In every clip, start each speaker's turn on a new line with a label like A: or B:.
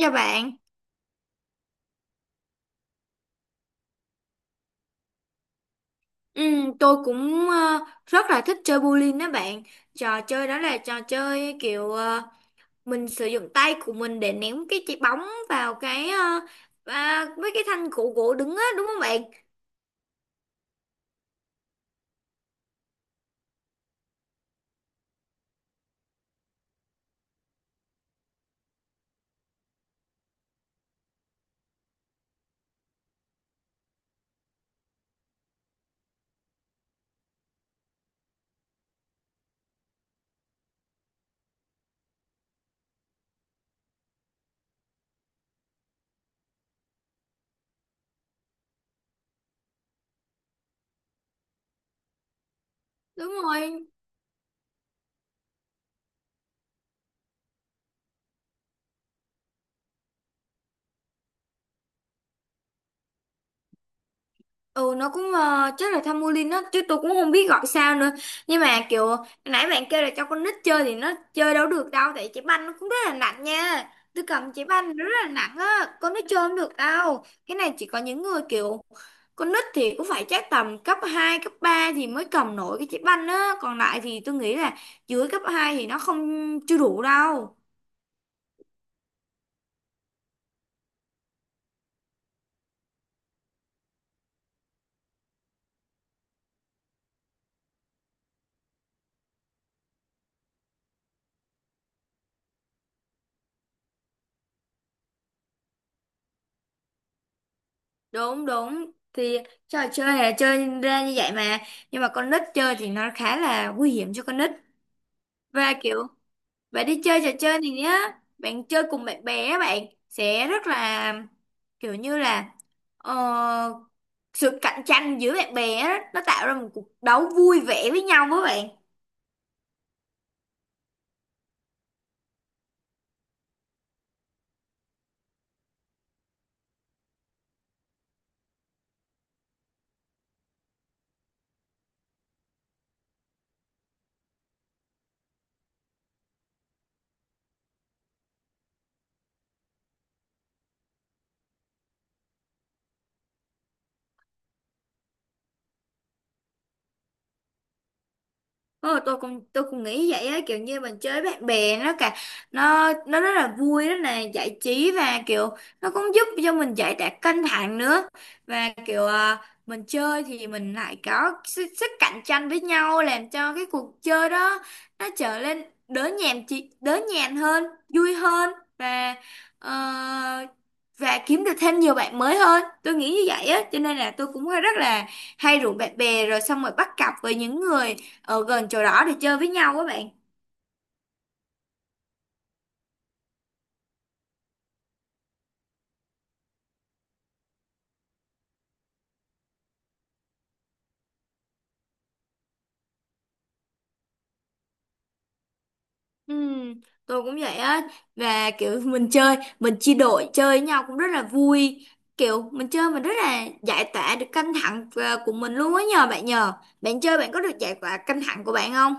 A: Dạ bạn. Tôi cũng rất là thích chơi bowling đó bạn. Trò chơi đó là trò chơi kiểu mình sử dụng tay của mình để ném cái trái bóng vào mấy cái thanh gỗ gỗ đứng á, đúng không bạn? Đúng rồi, ừ nó cũng chắc là tham mưu linh á, chứ tôi cũng không biết gọi sao nữa. Nhưng mà kiểu nãy bạn kêu là cho con nít chơi thì nó chơi đâu được đâu, tại trái banh nó cũng rất là nặng nha. Tôi cầm trái banh nó rất là nặng á, con nít chơi không được đâu. Cái này chỉ có những người kiểu con nít thì cũng phải chắc tầm cấp 2 cấp 3 thì mới cầm nổi cái trái banh á, còn lại thì tôi nghĩ là dưới cấp 2 thì nó không chưa đủ đâu. Đúng đúng, thì trò chơi là chơi ra như vậy mà, nhưng mà con nít chơi thì nó khá là nguy hiểm cho con nít. Và kiểu bạn đi chơi trò chơi này nhá, bạn chơi cùng bạn bè á bạn sẽ rất là kiểu như là ờ, sự cạnh tranh giữa bạn bè á, nó tạo ra một cuộc đấu vui vẻ với nhau với bạn. Ờ, tôi cũng nghĩ vậy á, kiểu như mình chơi với bạn bè nó cả nó rất là vui, rất là giải trí, và kiểu nó cũng giúp cho mình giải tỏa căng thẳng nữa. Và kiểu mình chơi thì mình lại có sức cạnh tranh với nhau, làm cho cái cuộc chơi đó nó trở nên đỡ nhàm hơn, vui hơn, và ờ, và kiếm được thêm nhiều bạn mới hơn. Tôi nghĩ như vậy á, cho nên là tôi cũng rất là hay rủ bạn bè rồi xong rồi bắt cặp với những người ở gần chỗ đó để chơi với nhau các bạn. Ừ, tôi cũng vậy á, và kiểu mình chơi mình chia đội chơi với nhau cũng rất là vui. Kiểu mình chơi mình rất là giải tỏa được căng thẳng của mình luôn á. Nhờ bạn, nhờ bạn chơi, bạn có được giải tỏa căng thẳng của bạn không?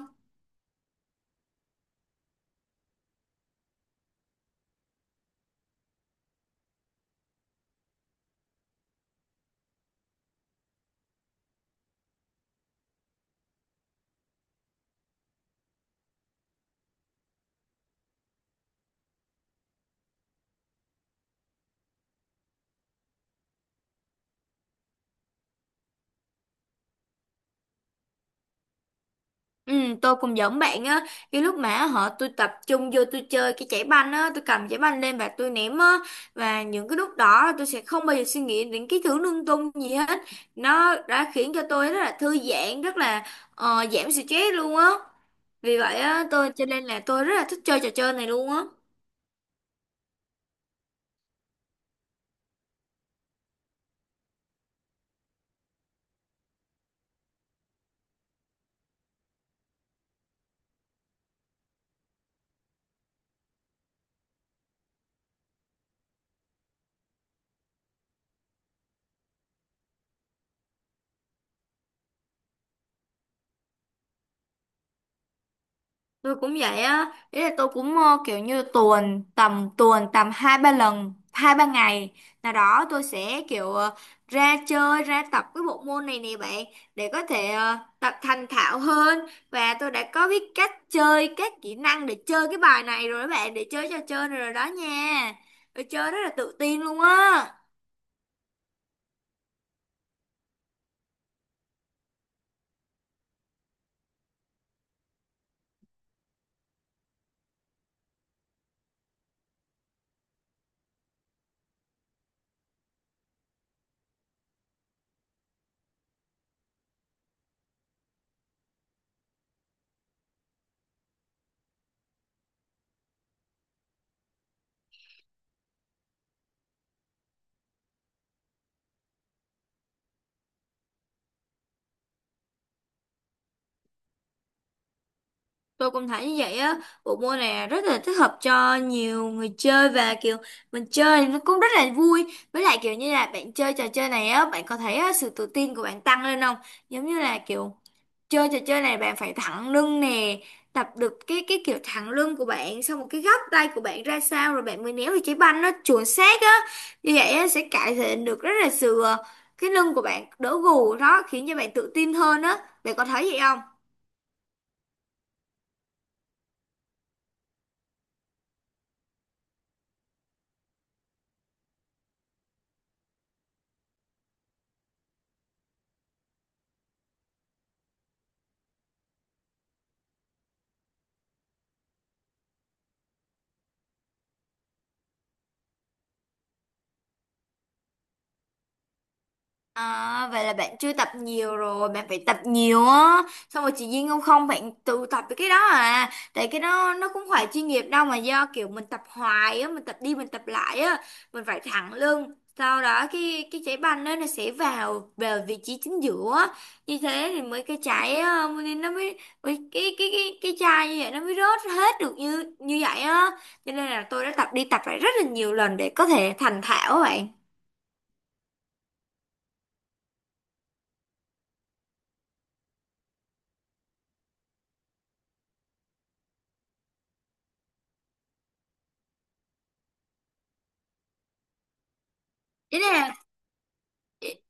A: Ừ, tôi cũng giống bạn á. Cái lúc mà họ tôi tập trung vô tôi chơi cái chảy banh á, tôi cầm chảy banh lên và tôi ném á, và những cái lúc đó tôi sẽ không bao giờ suy nghĩ đến cái thứ lung tung gì hết. Nó đã khiến cho tôi rất là thư giãn, rất là giảm stress luôn á. Vì vậy á tôi cho nên là tôi rất là thích chơi trò chơi này luôn á. Tôi cũng vậy á, ý là tôi cũng kiểu như tuần tầm hai ba lần, hai ba ngày nào đó tôi sẽ kiểu ra chơi ra tập cái bộ môn này nè bạn, để có thể tập thành thạo hơn. Và tôi đã có biết cách chơi, các kỹ năng để chơi cái bài này rồi đó bạn, để chơi trò chơi này rồi đó nha. Tôi chơi rất là tự tin luôn á. Tôi cũng thấy như vậy á, bộ môn này rất là thích hợp cho nhiều người chơi, và kiểu mình chơi nó cũng rất là vui. Với lại kiểu như là bạn chơi trò chơi này á, bạn có thấy á, sự tự tin của bạn tăng lên không? Giống như là kiểu chơi trò chơi này bạn phải thẳng lưng nè, tập được cái kiểu thẳng lưng của bạn, xong một cái góc tay của bạn ra sao rồi bạn mới néo được trái banh nó chuẩn xác á. Như vậy á sẽ cải thiện được rất là sự cái lưng của bạn đỡ gù đó, khiến cho bạn tự tin hơn á. Bạn có thấy vậy không? À, vậy là bạn chưa tập nhiều rồi, bạn phải tập nhiều á. Xong rồi chị Duyên không không bạn tự tập cái đó à. Tại cái đó nó cũng phải chuyên nghiệp đâu, mà do kiểu mình tập hoài á, mình tập đi mình tập lại á, mình phải thẳng lưng. Sau đó cái trái banh đó nó sẽ vào vào vị trí chính giữa á. Như thế thì mới cái trái nên nó mới cái chai như vậy nó mới rớt hết được như như vậy á. Cho nên là tôi đã tập đi tập lại rất là nhiều lần để có thể thành thạo á bạn. Thế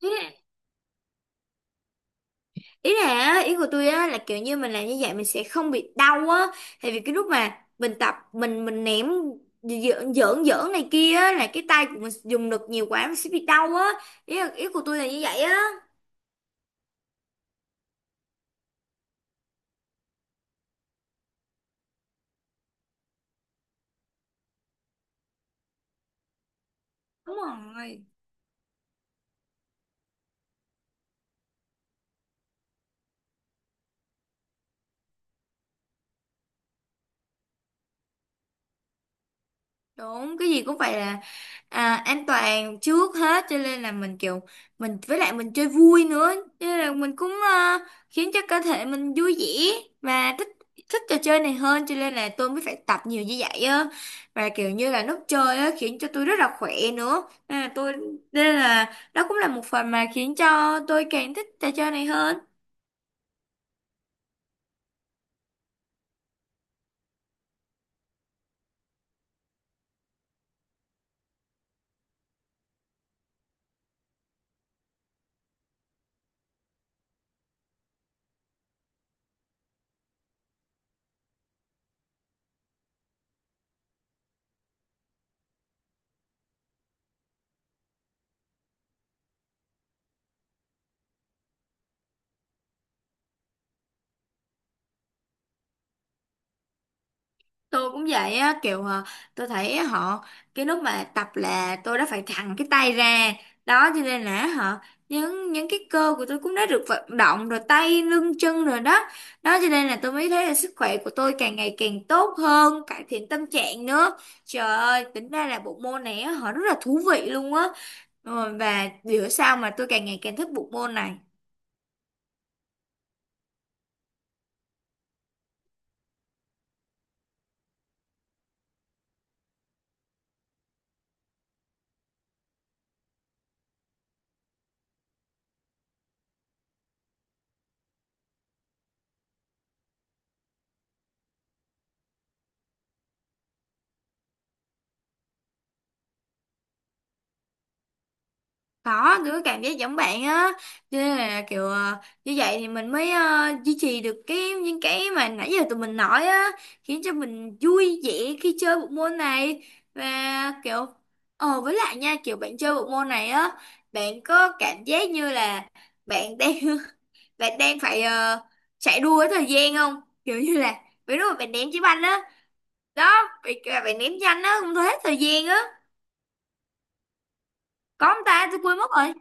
A: nè, ý là á, ý của tôi á là kiểu như mình làm như vậy mình sẽ không bị đau á. Tại vì cái lúc mà mình tập mình ném giỡn giỡn giỡn này kia á là cái tay của mình dùng lực nhiều quá mình sẽ bị đau á. Ý là, ý của tôi là như vậy á. Đúng rồi, đúng, cái gì cũng phải là an toàn trước hết. Cho nên là mình kiểu mình với lại mình chơi vui nữa, cho nên là mình cũng khiến cho cơ thể mình vui vẻ và thích thích trò chơi này hơn. Cho nên là tôi mới phải tập nhiều như vậy á, và kiểu như là lúc chơi á khiến cho tôi rất là khỏe nữa. nên là tôi Nên là đó cũng là một phần mà khiến cho tôi càng thích trò chơi này hơn. Tôi cũng vậy á, kiểu tôi thấy họ cái lúc mà tập là tôi đã phải thẳng cái tay ra đó. Cho nên là họ những cái cơ của tôi cũng đã được vận động rồi, tay lưng chân rồi đó. Đó cho nên là tôi mới thấy là sức khỏe của tôi càng ngày càng tốt hơn, cải thiện tâm trạng nữa. Trời ơi, tính ra là bộ môn này á, họ rất là thú vị luôn á. Ờ, và bữa sau mà tôi càng ngày càng thích bộ môn này. Có, tôi có cảm giác giống bạn á. Cho nên là kiểu như vậy thì mình mới duy trì được cái những cái mà nãy giờ tụi mình nói á, khiến cho mình vui vẻ khi chơi bộ môn này. Và kiểu ờ, với lại nha, kiểu bạn chơi bộ môn này á, bạn có cảm giác như là bạn đang bạn đang phải chạy đua với thời gian không? Kiểu như là ví dụ bạn ném chiếc banh á. Đó, bạn ném nhanh á, không thấy hết thời gian á. Có không ta? Tôi quên mất rồi.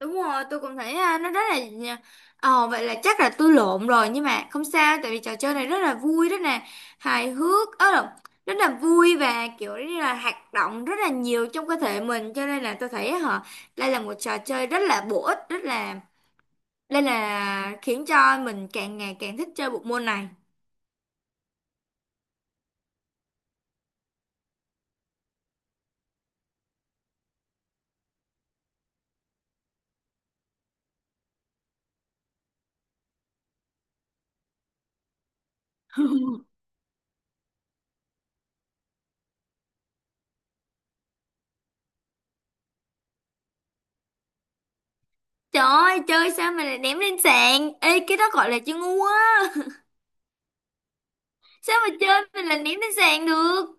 A: Đúng rồi, tôi cũng thấy nó rất là à, ờ, vậy là chắc là tôi lộn rồi, nhưng mà không sao, tại vì trò chơi này rất là vui, rất là hài hước ớ lộn, rất là vui, và kiểu như là hoạt động rất là nhiều trong cơ thể mình. Cho nên là tôi thấy hả, đây là một trò chơi rất là bổ ích, rất là đây là khiến cho mình càng ngày càng thích chơi bộ môn này. Trời ơi, chơi sao mà lại ném lên sàn? Ê, cái đó gọi là chơi ngu á. Sao mà chơi mình lại ném lên sàn được?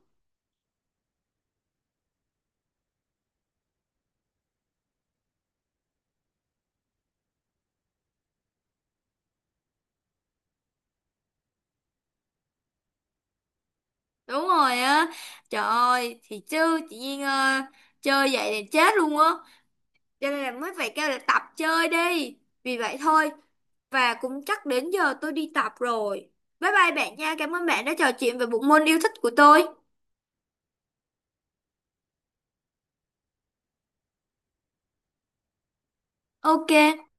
A: Đúng rồi á, trời ơi, thì chứ chị Duyên chơi vậy thì chết luôn á, cho nên là mới phải kêu là tập chơi đi, vì vậy thôi, và cũng chắc đến giờ tôi đi tập rồi. Bye bye bạn nha, cảm ơn bạn đã trò chuyện về bộ môn yêu thích của tôi. Ok.